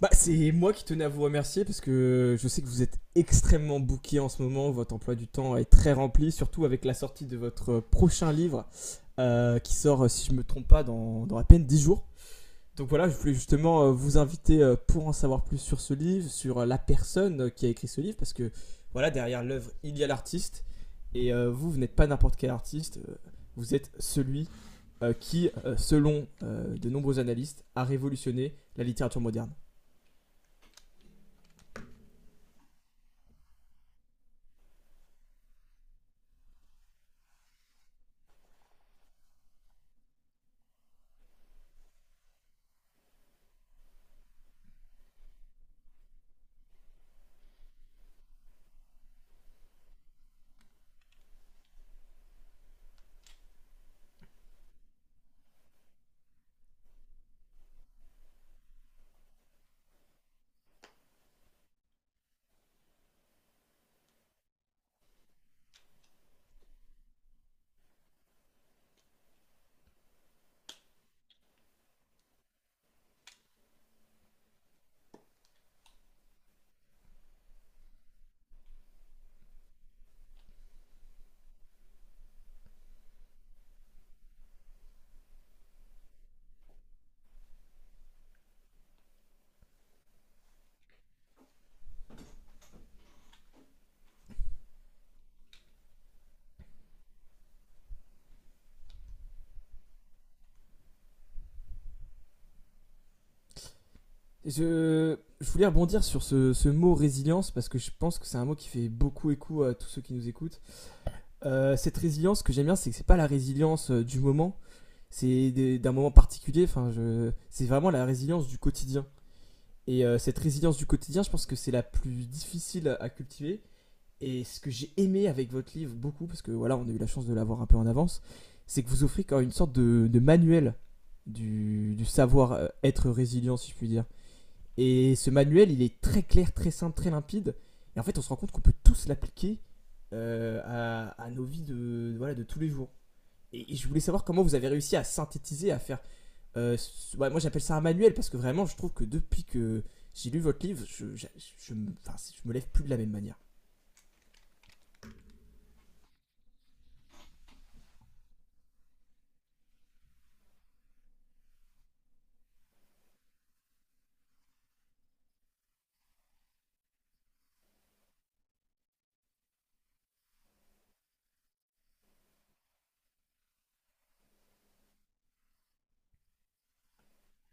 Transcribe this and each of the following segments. Bah, c'est moi qui tenais à vous remercier parce que je sais que vous êtes extrêmement bouqué en ce moment. Votre emploi du temps est très rempli, surtout avec la sortie de votre prochain livre qui sort, si je ne me trompe pas, dans à peine 10 jours. Donc voilà, je voulais justement vous inviter pour en savoir plus sur ce livre, sur la personne qui a écrit ce livre, parce que voilà, derrière l'œuvre, il y a l'artiste. Et vous n'êtes pas n'importe quel artiste, vous êtes celui, selon de nombreux analystes, a révolutionné la littérature moderne. Je voulais rebondir sur ce mot résilience parce que je pense que c'est un mot qui fait beaucoup écho à tous ceux qui nous écoutent. Cette résilience, ce que j'aime bien, c'est que c'est pas la résilience du moment, d'un moment particulier. Enfin, c'est vraiment la résilience du quotidien. Et cette résilience du quotidien, je pense que c'est la plus difficile à cultiver. Et ce que j'ai aimé avec votre livre beaucoup, parce que voilà, on a eu la chance de l'avoir un peu en avance, c'est que vous offrez quand même une sorte de manuel du savoir être résilient, si je puis dire. Et ce manuel, il est très clair, très simple, très limpide. Et en fait, on se rend compte qu'on peut tous l'appliquer à nos vies voilà, de tous les jours. Et je voulais savoir comment vous avez réussi à synthétiser, à faire. euh, ouais, moi, j'appelle ça un manuel parce que vraiment, je trouve que depuis que j'ai lu votre livre, je me lève plus de la même manière.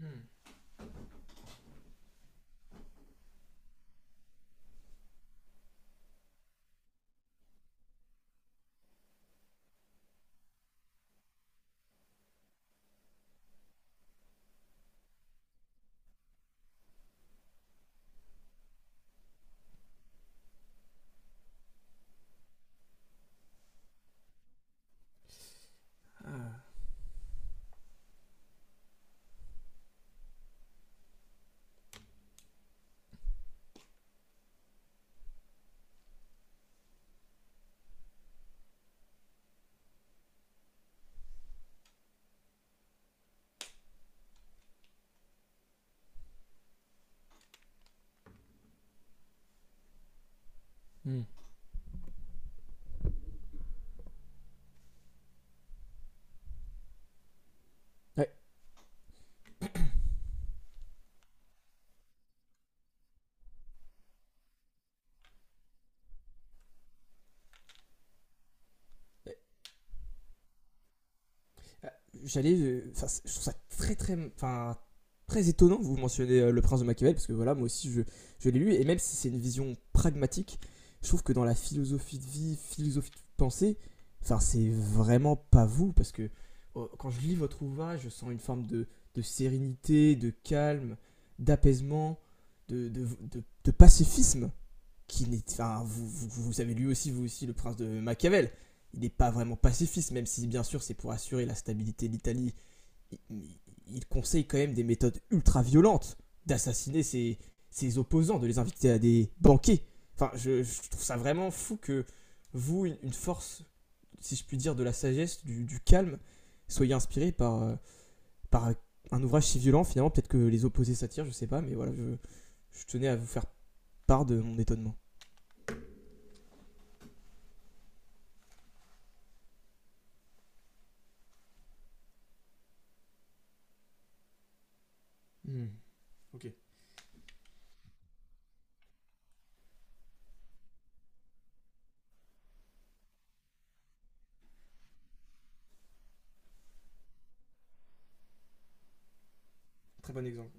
Hmm. Hmm. Ouais. Euh, je trouve ça très très étonnant. Vous mentionnez Le Prince de Machiavel parce que voilà, moi aussi je l'ai lu et même si c'est une vision pragmatique, je trouve que dans la philosophie de vie, philosophie de pensée, enfin, c'est vraiment pas vous parce que quand je lis votre ouvrage, je sens une forme de sérénité, de calme, d'apaisement, de, de, de pacifisme qui n'est, enfin, vous savez lui aussi, vous aussi, le prince de Machiavel. Il n'est pas vraiment pacifiste, même si bien sûr c'est pour assurer la stabilité de l'Italie. Il, il conseille quand même des méthodes ultra violentes, d'assassiner ses, ses opposants, de les inviter à des banquets. Enfin, je trouve ça vraiment fou que vous, une force, si je puis dire, de la sagesse, du calme, soyez inspiré par un ouvrage si violent finalement. Peut-être que les opposés s'attirent, je sais pas, mais voilà, je tenais à vous faire part de mon étonnement. Hmm, ok. Très bon exemple.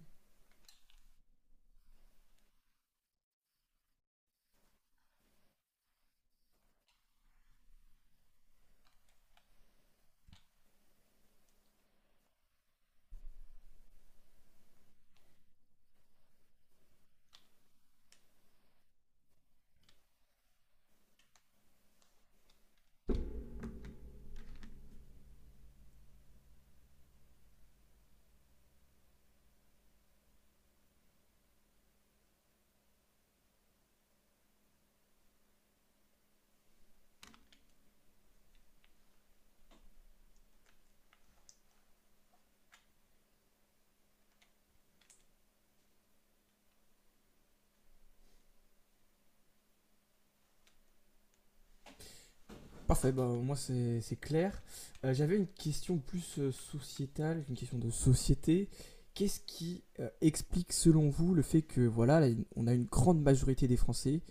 Parfait, bah, moi c'est clair. J'avais une question plus sociétale, une question de société. Qu'est-ce qui explique selon vous le fait que voilà, là, on a une grande majorité des Français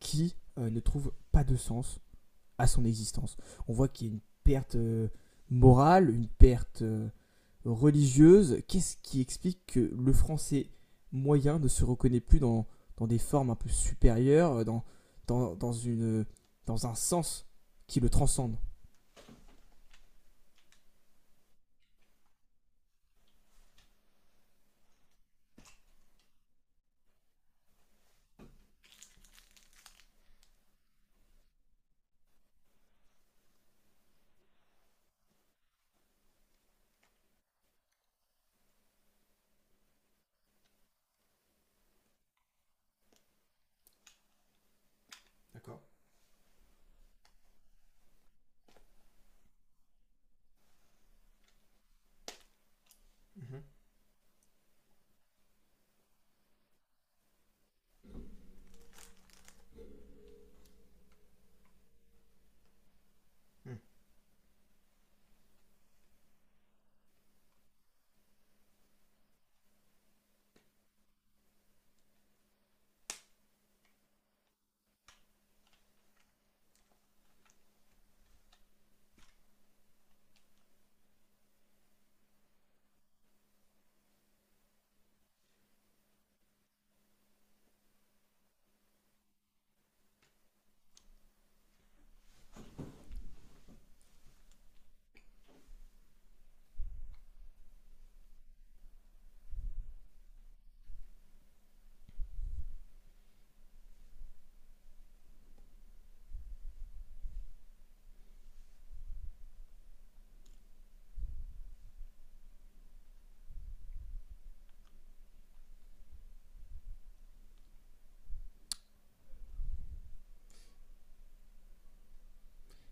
qui ne trouvent pas de sens à son existence. On voit qu'il y a une perte morale, une perte religieuse. Qu'est-ce qui explique que le français moyen ne se reconnaît plus dans des formes un peu supérieures, dans, dans une, dans un sens qui le transcende. D'accord.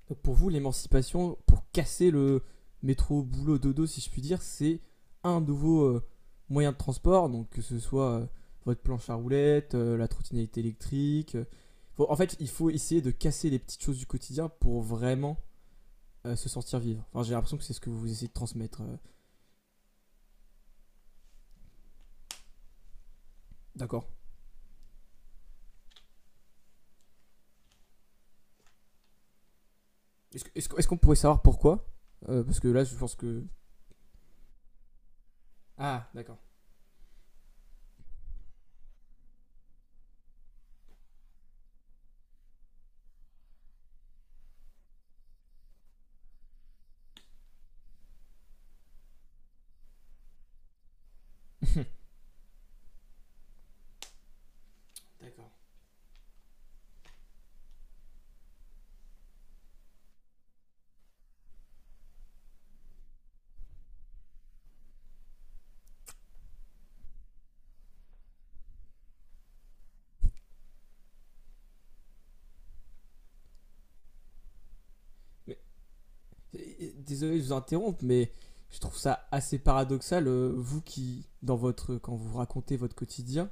Donc pour vous, l'émancipation, pour casser le métro boulot dodo, si je puis dire, c'est un nouveau moyen de transport, donc que ce soit votre planche à roulettes, la trottinette électrique. En fait, il faut essayer de casser les petites choses du quotidien pour vraiment se sentir vivre. Enfin, j'ai l'impression que c'est ce que vous essayez de transmettre. D'accord. Est-ce qu'on pourrait savoir pourquoi. Parce que là, je pense que... Ah, d'accord. Mais désolé de vous interrompre, mais je trouve ça assez paradoxal, vous qui, dans votre, quand vous racontez votre quotidien,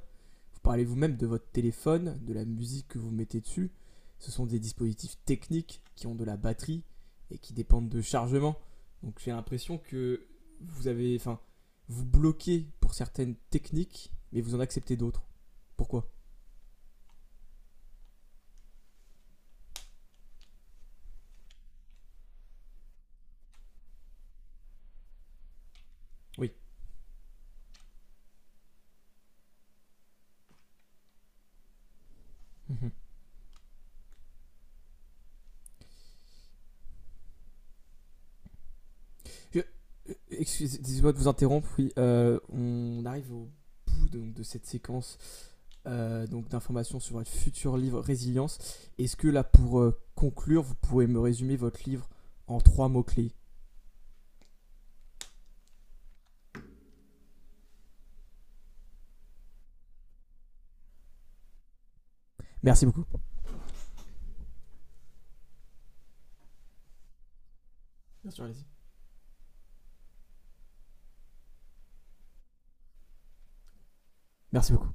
vous parlez vous-même de votre téléphone, de la musique que vous mettez dessus. Ce sont des dispositifs techniques qui ont de la batterie et qui dépendent de chargement. Donc j'ai l'impression que vous avez, enfin, vous bloquez pour certaines techniques, mais vous en acceptez d'autres. Pourquoi? Oui. Mmh. Excusez-moi de vous interrompre. Oui, on arrive au bout donc, de cette séquence donc d'informations sur votre futur livre Résilience. Est-ce que là, pour conclure, vous pouvez me résumer votre livre en trois mots-clés? Merci beaucoup. Bien sûr, allez-y. Merci beaucoup.